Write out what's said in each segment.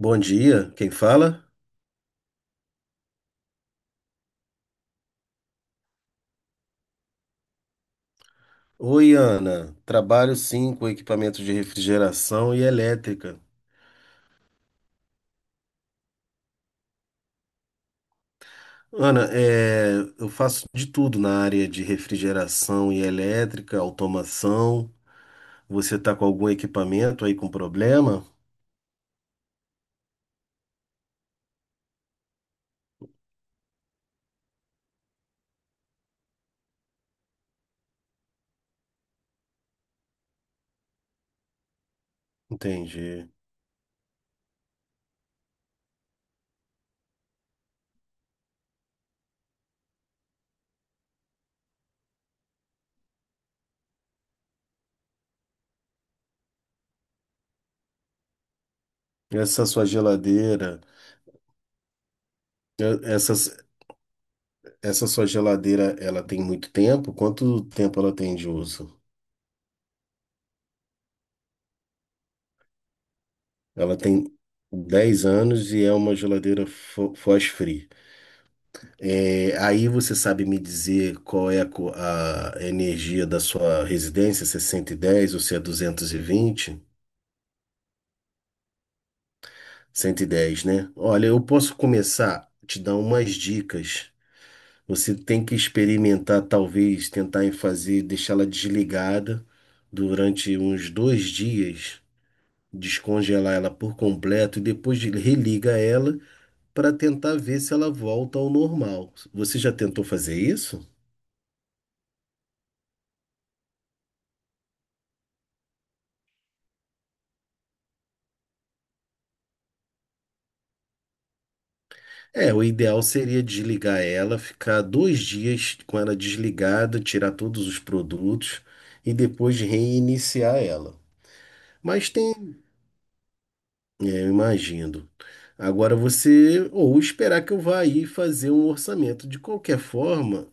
Bom dia, quem fala? Oi, Ana. Trabalho sim com equipamentos de refrigeração e elétrica. Ana, eu faço de tudo na área de refrigeração e elétrica, automação. Você está com algum equipamento aí com problema? Entendi. Essa sua geladeira, eh, essas, Essa sua geladeira, ela tem muito tempo? Quanto tempo ela tem de uso? Ela tem 10 anos e é uma geladeira frost-free. Aí você sabe me dizer qual é a energia da sua residência, se é 110 ou se é 220? 110, né? Olha, eu posso começar a te dar umas dicas. Você tem que experimentar, talvez, tentar em fazer, deixá-la desligada durante uns 2 dias, descongelar ela por completo e depois religa ela para tentar ver se ela volta ao normal. Você já tentou fazer isso? É, o ideal seria desligar ela, ficar 2 dias com ela desligada, tirar todos os produtos e depois reiniciar ela. Mas tem, É, eu imagino. Agora você, ou esperar que eu vá aí fazer um orçamento. De qualquer forma,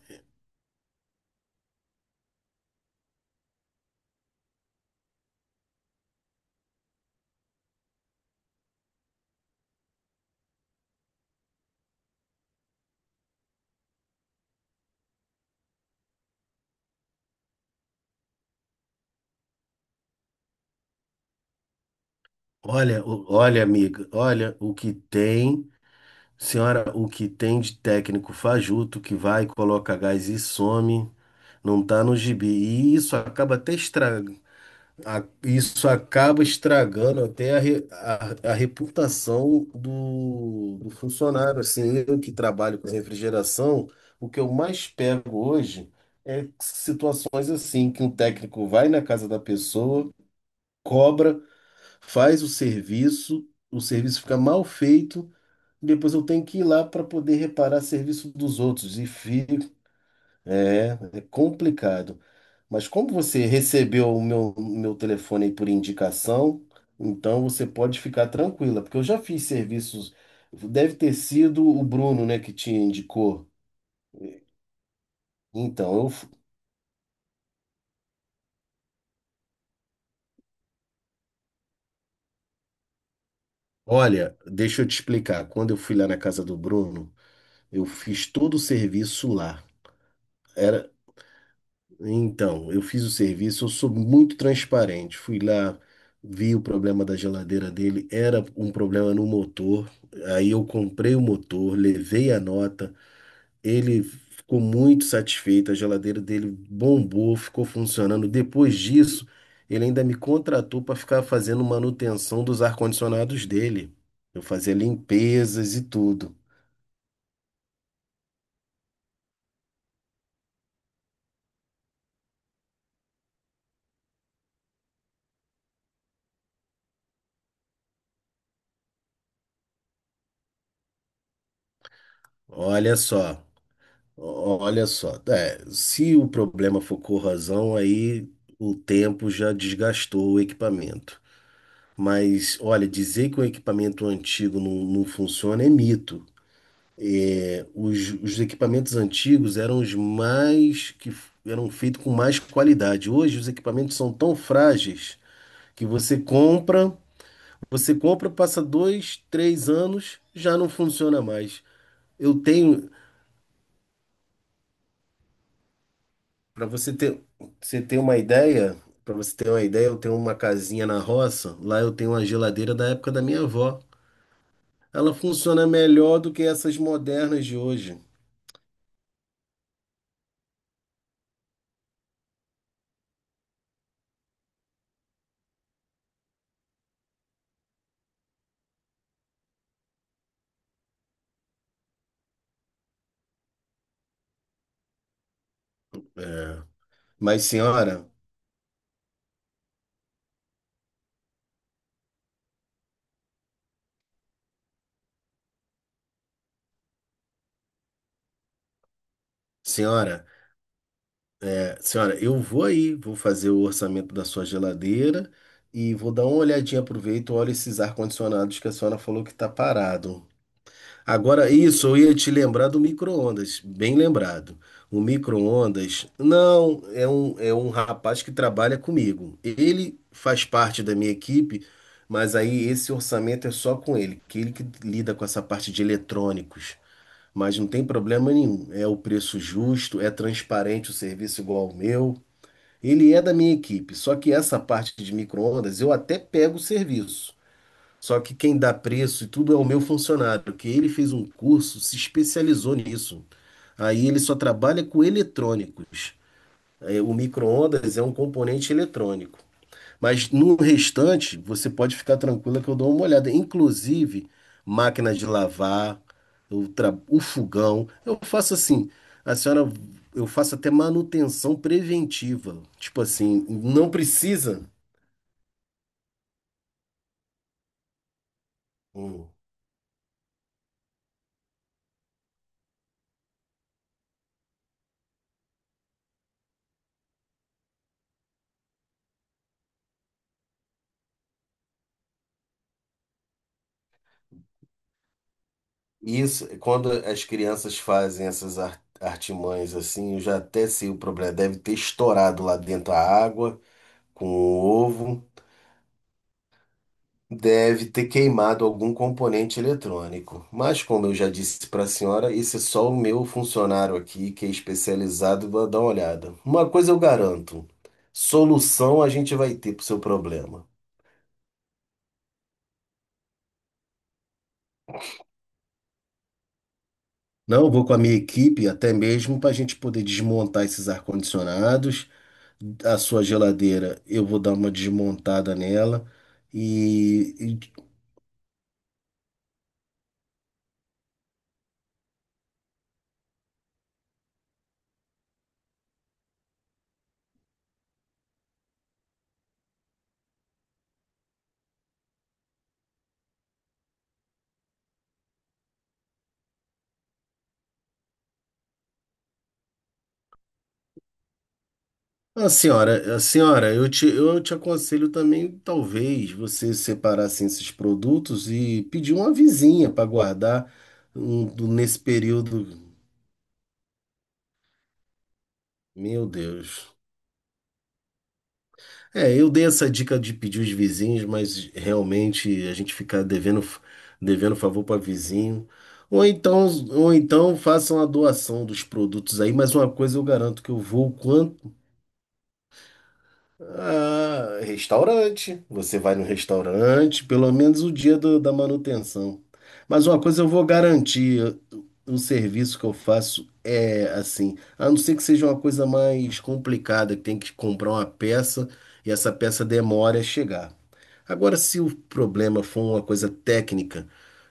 olha, amiga, olha o que tem, senhora, o que tem de técnico fajuto que vai, coloca gás e some, não tá no gibi. E isso acaba até estragando. Isso acaba estragando até a reputação do funcionário. Assim, eu que trabalho com refrigeração, o que eu mais pego hoje é situações assim, que um técnico vai na casa da pessoa, cobra, faz o serviço fica mal feito, depois eu tenho que ir lá para poder reparar serviço dos outros e fica é complicado. Mas como você recebeu o meu telefone aí por indicação, então você pode ficar tranquila, porque eu já fiz serviços. Deve ter sido o Bruno, né, que te indicou. Então, eu, f- Olha, deixa eu te explicar. Quando eu fui lá na casa do Bruno, eu fiz todo o serviço lá. Era Então, eu fiz o serviço, eu sou muito transparente. Fui lá, vi o problema da geladeira dele, era um problema no motor. Aí eu comprei o motor, levei a nota, ele ficou muito satisfeito, a geladeira dele bombou, ficou funcionando. Depois disso, ele ainda me contratou para ficar fazendo manutenção dos ar-condicionados dele. Eu fazia limpezas e tudo. Olha só. Olha só, é, se o problema for corrosão, aí o tempo já desgastou o equipamento. Mas, olha, dizer que o equipamento antigo não funciona é mito. Os equipamentos antigos eram os mais eram feitos com mais qualidade. Hoje os equipamentos são tão frágeis que você compra, passa 2, 3 anos, já não funciona mais. Eu tenho, Para você ter uma ideia, para você ter uma ideia, eu tenho uma casinha na roça, lá eu tenho uma geladeira da época da minha avó. Ela funciona melhor do que essas modernas de hoje. É. Mas senhora, senhora, Senhora, eu vou aí, vou fazer o orçamento da sua geladeira e vou dar uma olhadinha, aproveito, olha esses ar-condicionados que a senhora falou que tá parado. Agora, isso, eu ia te lembrar do micro-ondas, bem lembrado. O micro-ondas, não, É é um rapaz que trabalha comigo. Ele faz parte da minha equipe, mas aí esse orçamento é só com ele que lida com essa parte de eletrônicos. Mas não tem problema nenhum, é o preço justo, é transparente o serviço igual ao meu. Ele é da minha equipe, só que essa parte de micro-ondas eu até pego o serviço. Só que quem dá preço e tudo é o meu funcionário, que ele fez um curso, se especializou nisso. Aí ele só trabalha com eletrônicos. O micro-ondas é um componente eletrônico. Mas no restante, você pode ficar tranquila que eu dou uma olhada. Inclusive, máquina de lavar, o fogão. Eu faço assim, a senhora, eu faço até manutenção preventiva. Tipo assim, não precisa. Hum. Isso, quando as crianças fazem artimanhas assim, eu já até sei o problema. Deve ter estourado lá dentro a água com o ovo, deve ter queimado algum componente eletrônico. Mas, como eu já disse para a senhora, esse é só o meu funcionário aqui, que é especializado, vai dar uma olhada. Uma coisa eu garanto: solução a gente vai ter para o seu problema. Não, eu vou com a minha equipe até mesmo para a gente poder desmontar esses ar-condicionados, a sua geladeira, eu vou dar uma desmontada nela. E, e a a senhora, eu eu te aconselho também, talvez, você separar assim, esses produtos e pedir uma vizinha para guardar nesse período. Meu Deus. É, eu dei essa dica de pedir os vizinhos, mas realmente a gente fica devendo favor para vizinho. Ou então façam a doação dos produtos aí, mas uma coisa eu garanto que eu vou. Ah, restaurante. Você vai no restaurante, pelo menos o dia da manutenção. Mas uma coisa eu vou garantir, o serviço que eu faço é assim, a não ser que seja uma coisa mais complicada, que tem que comprar uma peça e essa peça demora a chegar. Agora, se o problema for uma coisa técnica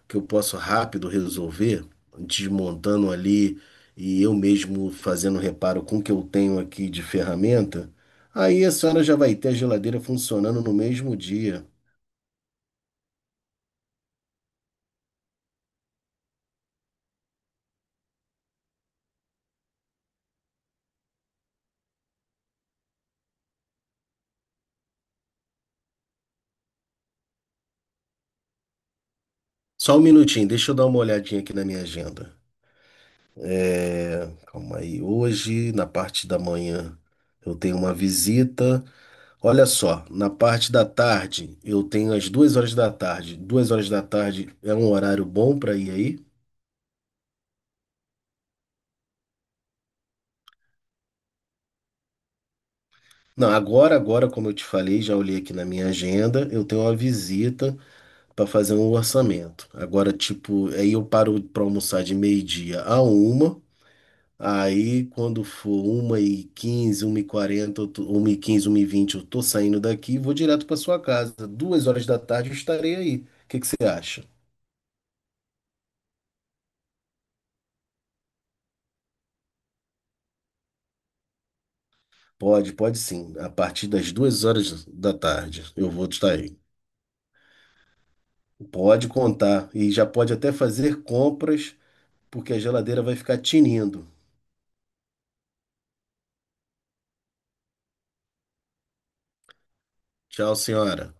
que eu posso rápido resolver, desmontando ali e eu mesmo fazendo reparo com o que eu tenho aqui de ferramenta, aí a senhora já vai ter a geladeira funcionando no mesmo dia. Só um minutinho, deixa eu dar uma olhadinha aqui na minha agenda. É, calma aí. Hoje, na parte da manhã, eu tenho uma visita. Olha só, na parte da tarde, eu tenho às 2 horas da tarde. Duas horas da tarde é um horário bom para ir aí? Não, agora, como eu te falei, já olhei aqui na minha agenda, eu tenho uma visita para fazer um orçamento. Agora, tipo, aí eu paro para almoçar de meio-dia a uma. Aí, quando for uma e quinze, uma e quarenta, 1h15, 1h20, eu tô saindo daqui e vou direto para sua casa. Duas horas da tarde eu estarei aí. O que que você acha? Pode, pode sim. A partir das 2 horas da tarde eu vou estar aí. Pode contar. E já pode até fazer compras, porque a geladeira vai ficar tinindo. Tchau, senhora.